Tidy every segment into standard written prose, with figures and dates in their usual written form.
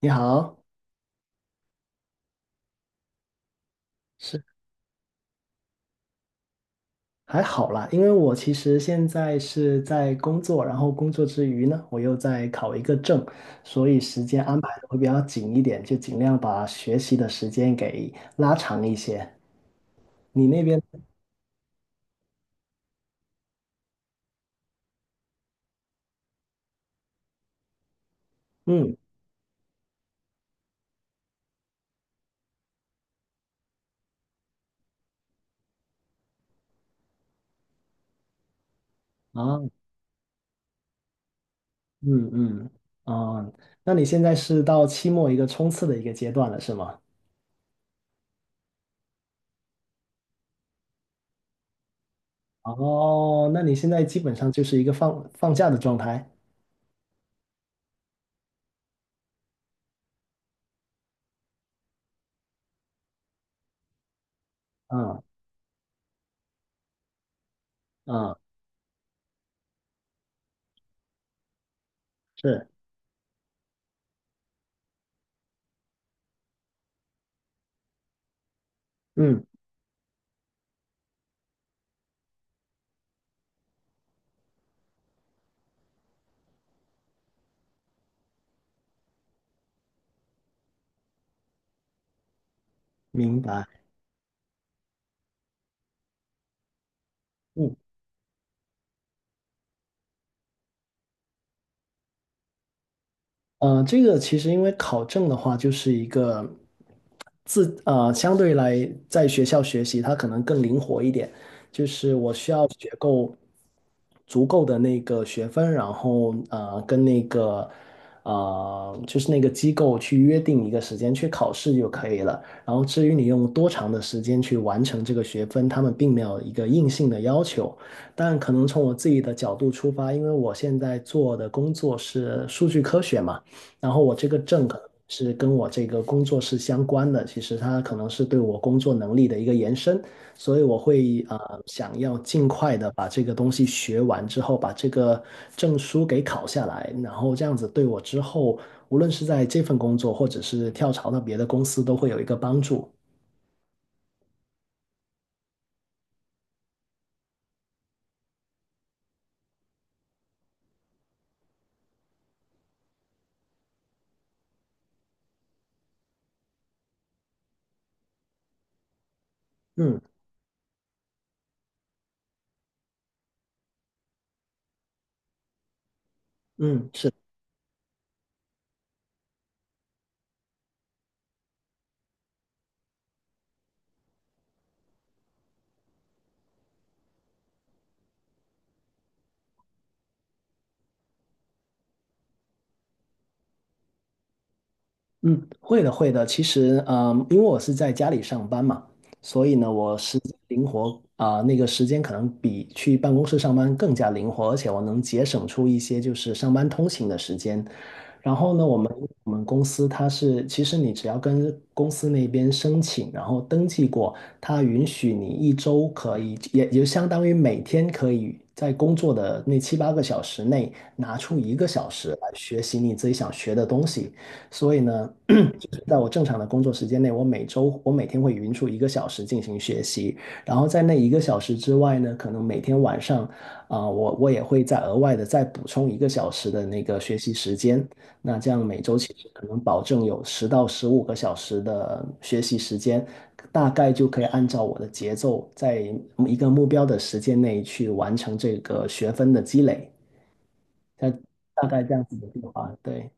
你好，是还好啦，因为我其实现在是在工作，然后工作之余呢，我又在考一个证，所以时间安排的会比较紧一点，就尽量把学习的时间给拉长一些。你那边，嗯，啊，嗯嗯，啊，那你现在是到期末一个冲刺的一个阶段了，是吗？哦，那你现在基本上就是一个放假的状态，嗯嗯，是，嗯，明白。嗯。这个其实因为考证的话，就是一个相对来在学校学习，它可能更灵活一点。足够的那个学分，然后跟那个就是那个机构去约定一个时间去考试就可以了。然后至于你用多长的时间去完成这个学分，他们并没有一个硬性的要求。但可能从我自己的角度出发，因为我现在做的工作是数据科学嘛，然后我这个证可能是跟我这个工作是相关的，其实它可能是对我工作能力的一个延伸。所以我会想要尽快的把这个东西学完之后，把这个证书给考下来，然后这样子对我之后，无论是在这份工作，或者是跳槽到别的公司，都会有一个帮助。嗯嗯，是，嗯，会的。其实因为我是在家里上班嘛，所以呢，我时间灵活啊、那个时间可能比去办公室上班更加灵活，而且我能节省出一些就是上班通勤的时间。然后呢，我们公司它是，其实你只要跟公司那边申请，然后登记过，它允许你一周可以，也就相当于每天可以在工作的那七八个小时内拿出一个小时来学习你自己想学的东西。所以呢，在我正常的工作时间内，我每天会匀出一个小时进行学习，然后在那一个小时之外呢，可能每天晚上我也会再额外的再补充一个小时的那个学习时间。那这样每周其实可能保证有10到15个小时的学习时间，大概就可以按照我的节奏，在一个目标的时间内去完成这个学分的积累。大大概这样子的计划，对，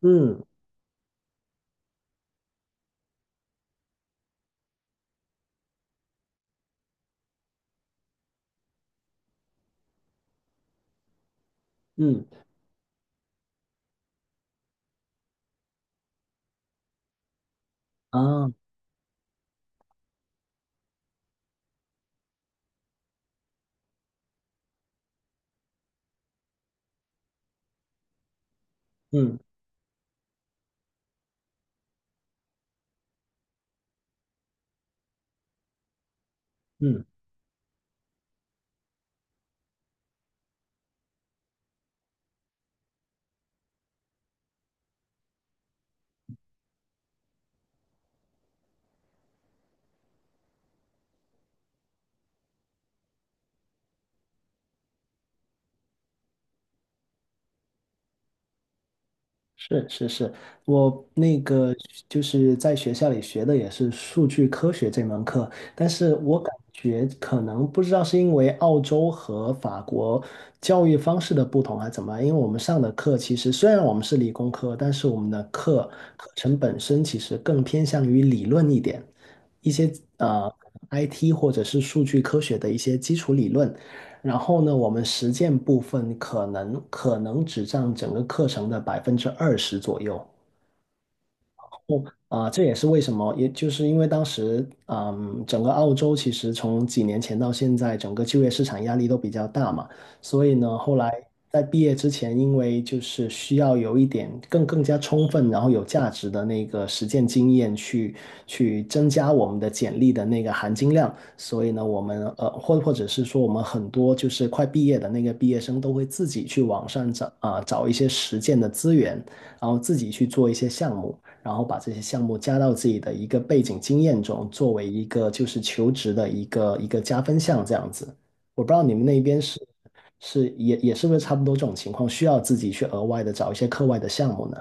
嗯嗯啊，嗯嗯。是是是，我那个就是在学校里学的也是数据科学这门课，但是我感觉可能不知道是因为澳洲和法国教育方式的不同还是怎么样，因为我们上的课其实虽然我们是理工科，但是我们的课课程本身其实更偏向于理论一点，一些呃 IT 或者是数据科学的一些基础理论。然后呢，我们实践部分可能只占整个课程的20%左右。啊，这也是为什么，也就是因为当时，嗯，整个澳洲其实从几年前到现在，整个就业市场压力都比较大嘛，所以呢，后来在毕业之前，因为就是需要有一点更加充分，然后有价值的那个实践经验去，去增加我们的简历的那个含金量，所以呢，我们或者是说，我们很多就是快毕业的那个毕业生都会自己去网上找啊，找一些实践的资源，然后自己去做一些项目。然后把这些项目加到自己的一个背景经验中，作为一个就是求职的一个加分项这样子。我不知道你们那边是也是不是差不多这种情况，需要自己去额外的找一些课外的项目呢？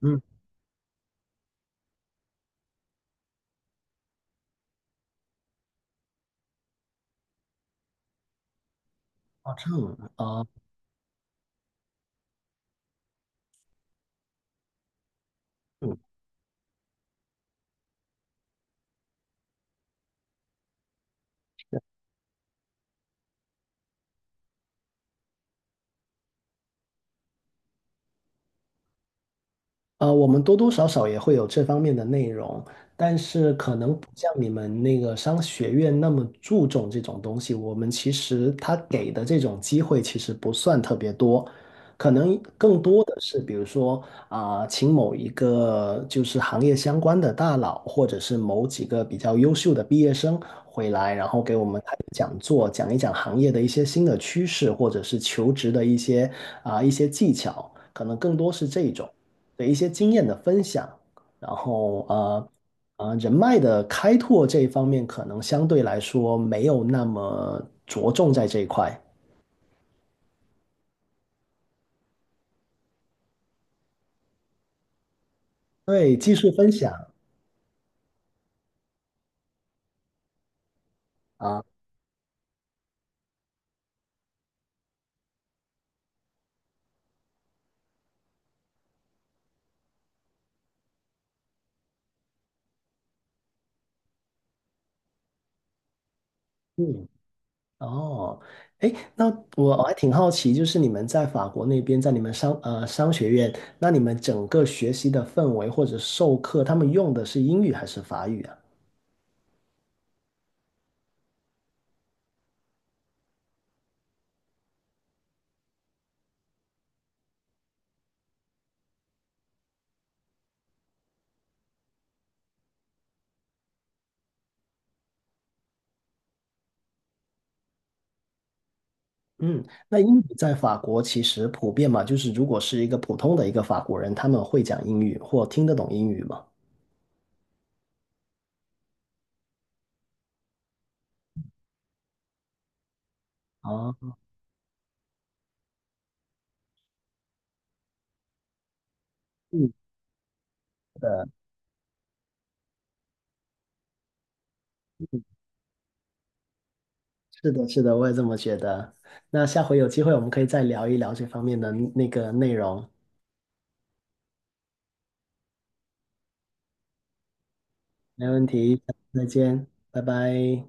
嗯。哦，这样啊，我们多多少少也会有这方面的内容，但是可能不像你们那个商学院那么注重这种东西。我们其实他给的这种机会其实不算特别多，可能更多的是比如说请某一个就是行业相关的大佬，或者是某几个比较优秀的毕业生回来，然后给我们开个讲座，讲一讲行业的一些新的趋势，或者是求职的一些一些技巧，可能更多是这种。的一些经验的分享，然后人脉的开拓这一方面，可能相对来说没有那么着重在这一块。对，技术分享啊，嗯，哦，哎，那我还挺好奇，就是你们在法国那边，在你们商学院，那你们整个学习的氛围或者授课，他们用的是英语还是法语啊？嗯，那英语在法国其实普遍嘛，就是如果是一个普通的一个法国人，他们会讲英语或听得懂英语嘛？啊，嗯，是的，嗯是的，是的，我也这么觉得。那下回有机会我们可以再聊一聊这方面的那个内容，没问题，再见，拜拜。